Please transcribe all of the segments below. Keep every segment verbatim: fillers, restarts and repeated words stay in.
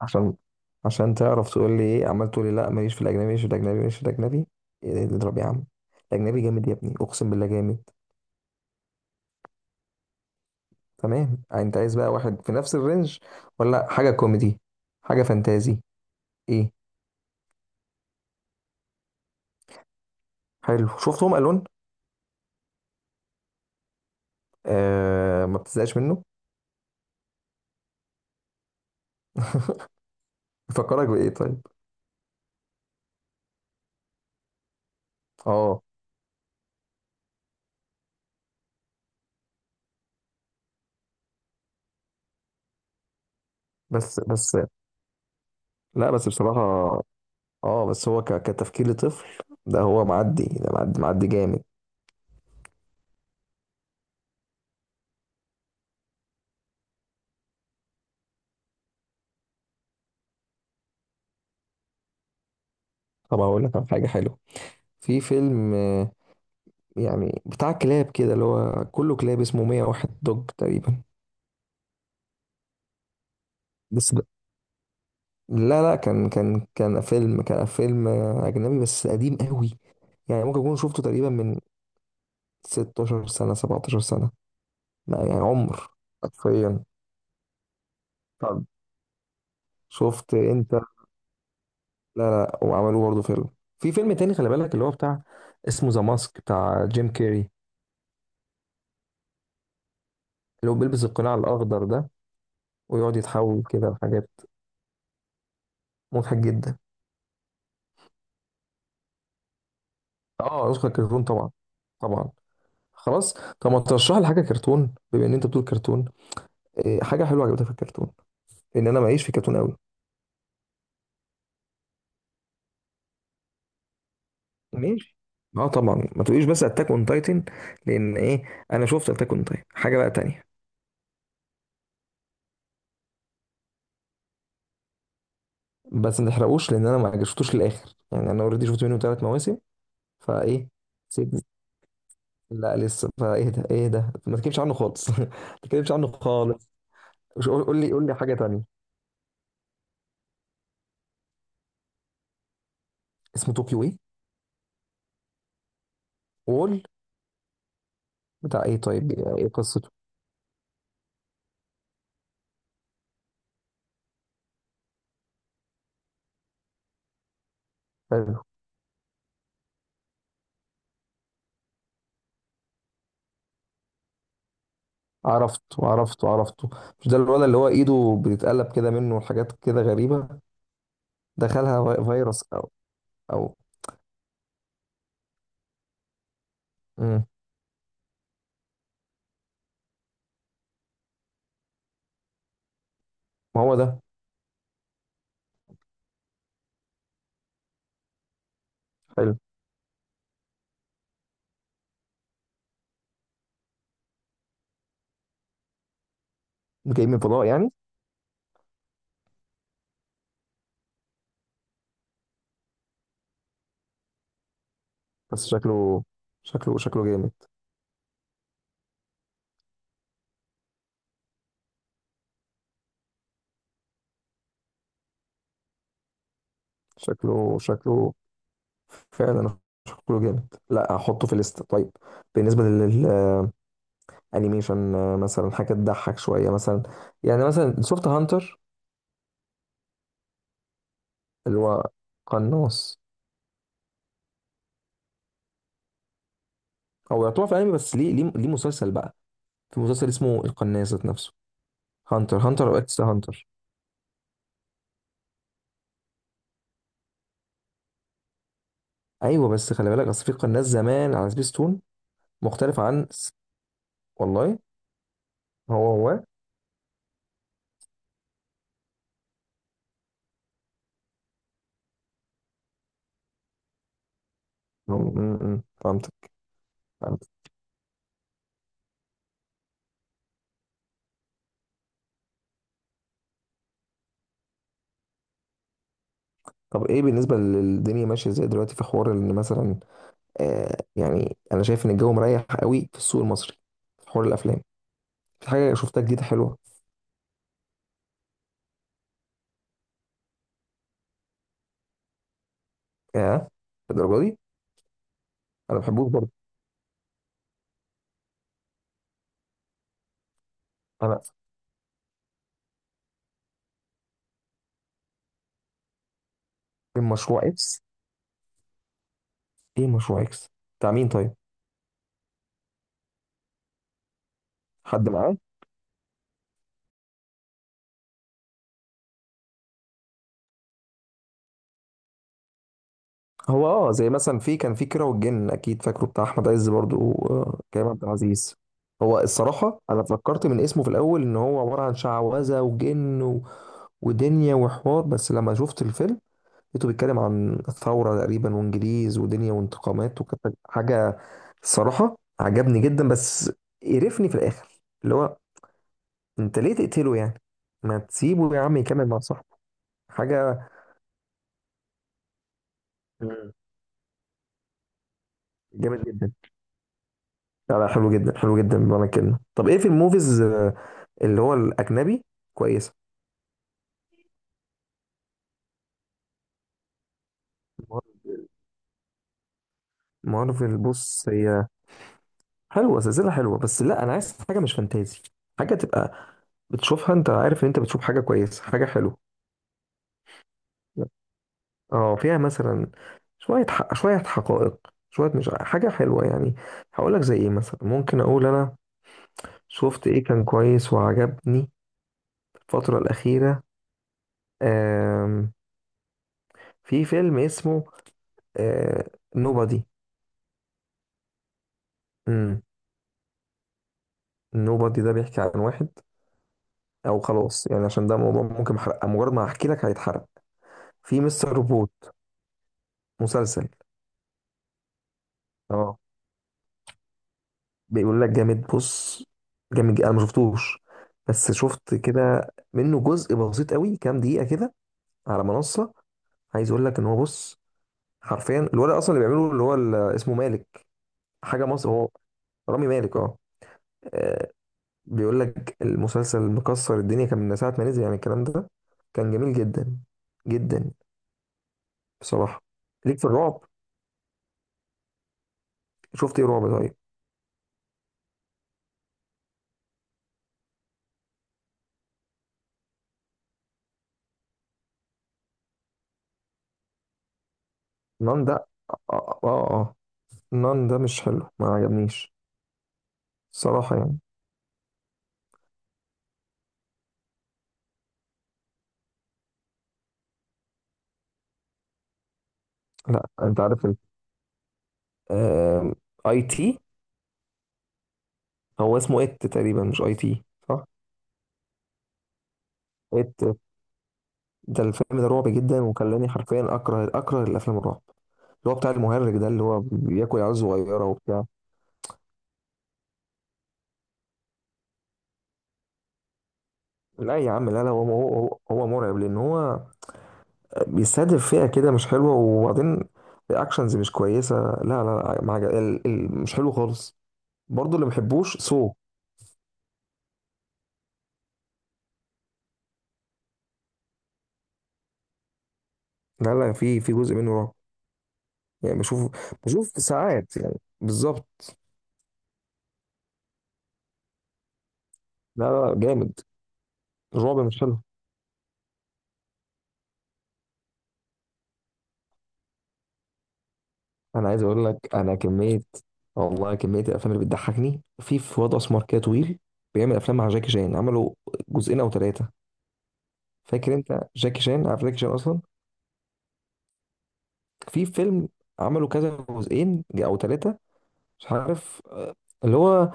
عشان عشان تعرف تقول لي ايه، عمال تقول لي لا ماليش في الاجنبي، ماليش في الاجنبي، ماليش في الاجنبي. إيه ده؟ اضرب يا عم. الاجنبي جامد يا ابني، اقسم بالله جامد. تمام، انت عايز بقى واحد في نفس الرينج ولا حاجه كوميدي، حاجه فانتازي، ايه؟ حلو، شفتهم الون. آه، ما بتزهقش منه. بيفكرك بايه طيب؟ اه بس بس. لا بس بصراحه، اه بس هو ك- كتفكير لطفل. ده هو معدي، ده معدي معدي جامد. طب هقول لك على حاجه حلوه. في فيلم يعني بتاع كلاب كده، اللي هو كله كلاب، اسمه مية وواحد دوج تقريبا. بس ب... لا لا، كان كان كان فيلم كان فيلم أجنبي بس قديم قوي. يعني ممكن أكون شفته تقريبا من ستة عشر سنة، سبعة عشر سنة. لا يعني عمر حرفيا. طب شفت أنت؟ لا لا، وعملوه برضه فيلم. في فيلم تاني خلي بالك، اللي هو بتاع، اسمه ذا ماسك بتاع جيم كيري، اللي هو بيلبس القناع الأخضر ده، ويقعد يتحول كده لحاجات، مضحك جدا. اه نسخة كرتون طبعا. طبعا. خلاص. طب ما ترشح لي حاجه كرتون بما ان انت بتقول كرتون. إيه حاجه حلوه عجبتك في الكرتون؟ لان انا معيش في كرتون قوي. ماشي. اه طبعا، ما تقوليش بس اتاك اون تايتن، لان ايه، انا شفت اتاك اون تايتن. حاجه بقى تانية. بس ما تحرقوش، لان انا ما شفتوش للاخر. يعني انا اوريدي شفت منه ثلاث مواسم فايه. سيبني، لا لسه فايه ده، ايه ده، ما تكلمش عنه خالص. ما تكلمش عنه خالص. قول، قول لي قول لي حاجه تانية. اسمه طوكيو ايه؟ وول؟ بتاع ايه طيب، ايه قصته؟ حلو. عرفته عرفته عرفته مش ده الولد اللي هو ايده بتتقلب كده منه وحاجات كده غريبة؟ دخلها في- فيروس او؟ او؟ مم. ما هو ده. حلو. جاي من فضاء يعني؟ بس شكله، شكله شكله جامد. شكله، شكله فعلا، شكله جامد. لا هحطه في الليست طيب. بالنسبة للانيميشن، آه، مثلا حاجة تضحك شوية مثلا. يعني مثلا شفت هانتر، اللي هو قناص؟ هو يعتبر في انمي بس ليه ليه ليه مسلسل بقى. في مسلسل اسمه القناص ذات نفسه، هانتر هانتر او اكس هانتر. ايوه بس خلي بالك، اصل في قناه زمان على سبيس تون مختلف عن س- والله هو هو. هو- م- م- فهمتك. فهمتك. طب ايه بالنسبه للدنيا ماشيه ازاي دلوقتي؟ في حوار ان مثلا، آه يعني انا شايف ان الجو مريح قوي في السوق المصري، في حوار الافلام، في حاجه شفتها جديده حلوه؟ ياه، الدرجه دي؟ انا بحبوش برضه انا. فين مشروع اكس؟ ايه مشروع اكس؟ بتاع مين طيب؟ حد معاه؟ هو اه زي مثلا، في كان في كيرة والجن، اكيد فاكره، بتاع احمد عز برضو وكريم عبد العزيز. هو الصراحه انا فكرت من اسمه في الاول ان هو عباره عن شعوذه وجن و... ودنيا وحوار، بس لما شفت الفيلم لقيته بيتكلم عن الثوره تقريبا، وانجليز ودنيا وانتقامات، وكانت حاجه. الصراحه عجبني جدا، بس قرفني في الاخر، اللي هو انت ليه تقتله يعني؟ ما تسيبه يا عم يكمل مع صاحبه. حاجه. مم. جامد جدا. لا لا، حلو جدا، حلو جدا بمعنى الكلمة. طب ايه في الموفيز، آه، اللي هو الأجنبي، كويسة؟ مارفل بص هي حلوة، سلسلة حلوة، بس لا، أنا عايز حاجة مش فانتازي. حاجة تبقى بتشوفها، أنت عارف إن أنت بتشوف حاجة كويسة، حاجة حلوة. اه فيها مثلا شوية حق، شوية حقائق، شوية مش ع- حاجة حلوة يعني. هقول لك زي إيه مثلا، ممكن أقول أنا شفت إيه كان كويس وعجبني الفترة الأخيرة. آم، في فيلم اسمه نوبادي. نوبادي ده بيحكي عن واحد، او خلاص يعني، عشان ده موضوع ممكن محرق، مجرد ما هحكي لك هيتحرق. في مستر روبوت، مسلسل. اه بيقول لك جامد، بص جامد جدا. انا ما شفتوش، بس شفت كده منه جزء بسيط قوي، كام دقيقة كده، على منصة. عايز اقول لك ان هو بص، حرفيا الولد اصلا اللي بيعمله، اللي هو ال- اسمه مالك، حاجة مصر هو، رامي مالك اه. آه، بيقول لك المسلسل مكسر الدنيا كان من ساعة ما نزل، يعني الكلام ده كان جميل جدا جدا بصراحة. ليك في الرعب؟ شفت ايه رعب طيب؟ نان ده اه اه آه. آه. نان ده مش حلو، ما عجبنيش صراحة يعني. لا انت عارف ال، آم، اي تي. هو اسمه ات تقريبا، مش اي تي. صح، ات. ده الفيلم ده رعب جدا، وخلاني حرفيا اكره، اكره الافلام الرعب، اللي هو بتاع المهرج ده اللي هو بياكل عيال صغيرة وبتاع. لا يا عم، لا لا، هو هو هو هو مرعب، لان هو بيستهدف فئة كده مش حلوة، وبعدين الرياكشنز مش كويسة. لا لا, لا ما عجب- ال- ال- مش حلو خالص. برضه اللي ما بحبوش سو. لا لا، في في جزء منه رعب يعني. بشوف، بشوف ساعات يعني. بالظبط. لا لا جامد. الرعب مش حلو. انا عايز اقول لك انا كميه. والله كميه الافلام اللي بتضحكني، في في واد اسمر كده طويل، بيعمل افلام مع جاكي شان، عملوا جزئين او ثلاثه. فاكر انت جاكي شان؟ عارف جاكي شان اصلا؟ في فيلم عملوا كذا جزئين او ثلاثه، مش عارف، آه، اللي هو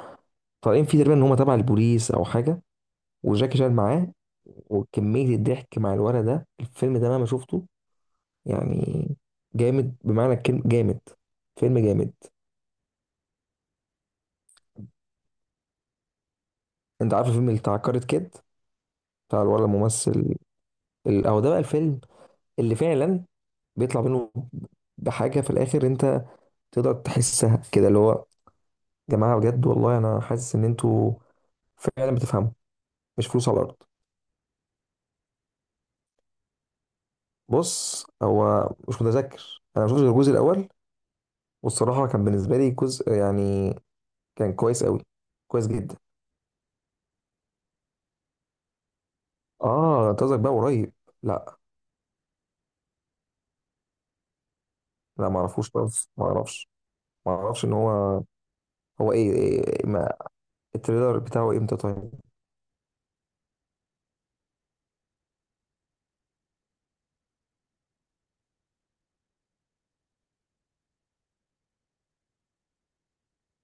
طالعين فيه تقريبا ان هم تبع البوليس او حاجه، وجاكي شان معاه. وكمية الضحك مع الولد ده، الفيلم ده مهما شفته يعني، جامد بمعنى الكلمة، جامد، فيلم جامد. انت عارف الفيلم اللي بتاع كارت كيد، بتاع الولد الممثل ال- او، ده بقى الفيلم اللي فعلا بيطلع منه بحاجة في الاخر، انت تقدر تحسها كده، اللي هو يا جماعة بجد والله انا حاسس ان انتوا فعلا بتفهموا، مش فلوس على الارض. بص هو مش متذكر، انا ما شفتش غير الجزء الاول، والصراحة كان بالنسبة لي جزء يعني كان كويس قوي. كويس جدا. اه انتظرك بقى قريب. لا. لا ما اعرفوش خالص، ما اعرفش. ما اعرفش ان هو. هو ايه, إيه ما التريلر بتاعه امتى طيب؟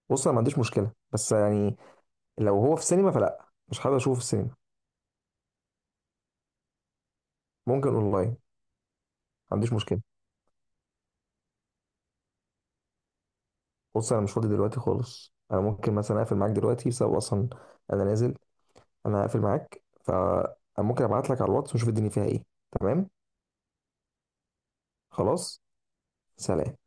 بص انا ما عنديش مشكله، بس يعني لو هو في سينما فلا، مش حابب اشوفه في السينما. ممكن اونلاين، ما عنديش مشكله. بص انا مش فاضي دلوقتي خالص، انا ممكن مثلا اقفل معاك دلوقتي بسبب، اصلا انا نازل، انا هقفل معاك، فممكن ابعت لك على الواتس ونشوف الدنيا فيها ايه. تمام. خلاص. سلام.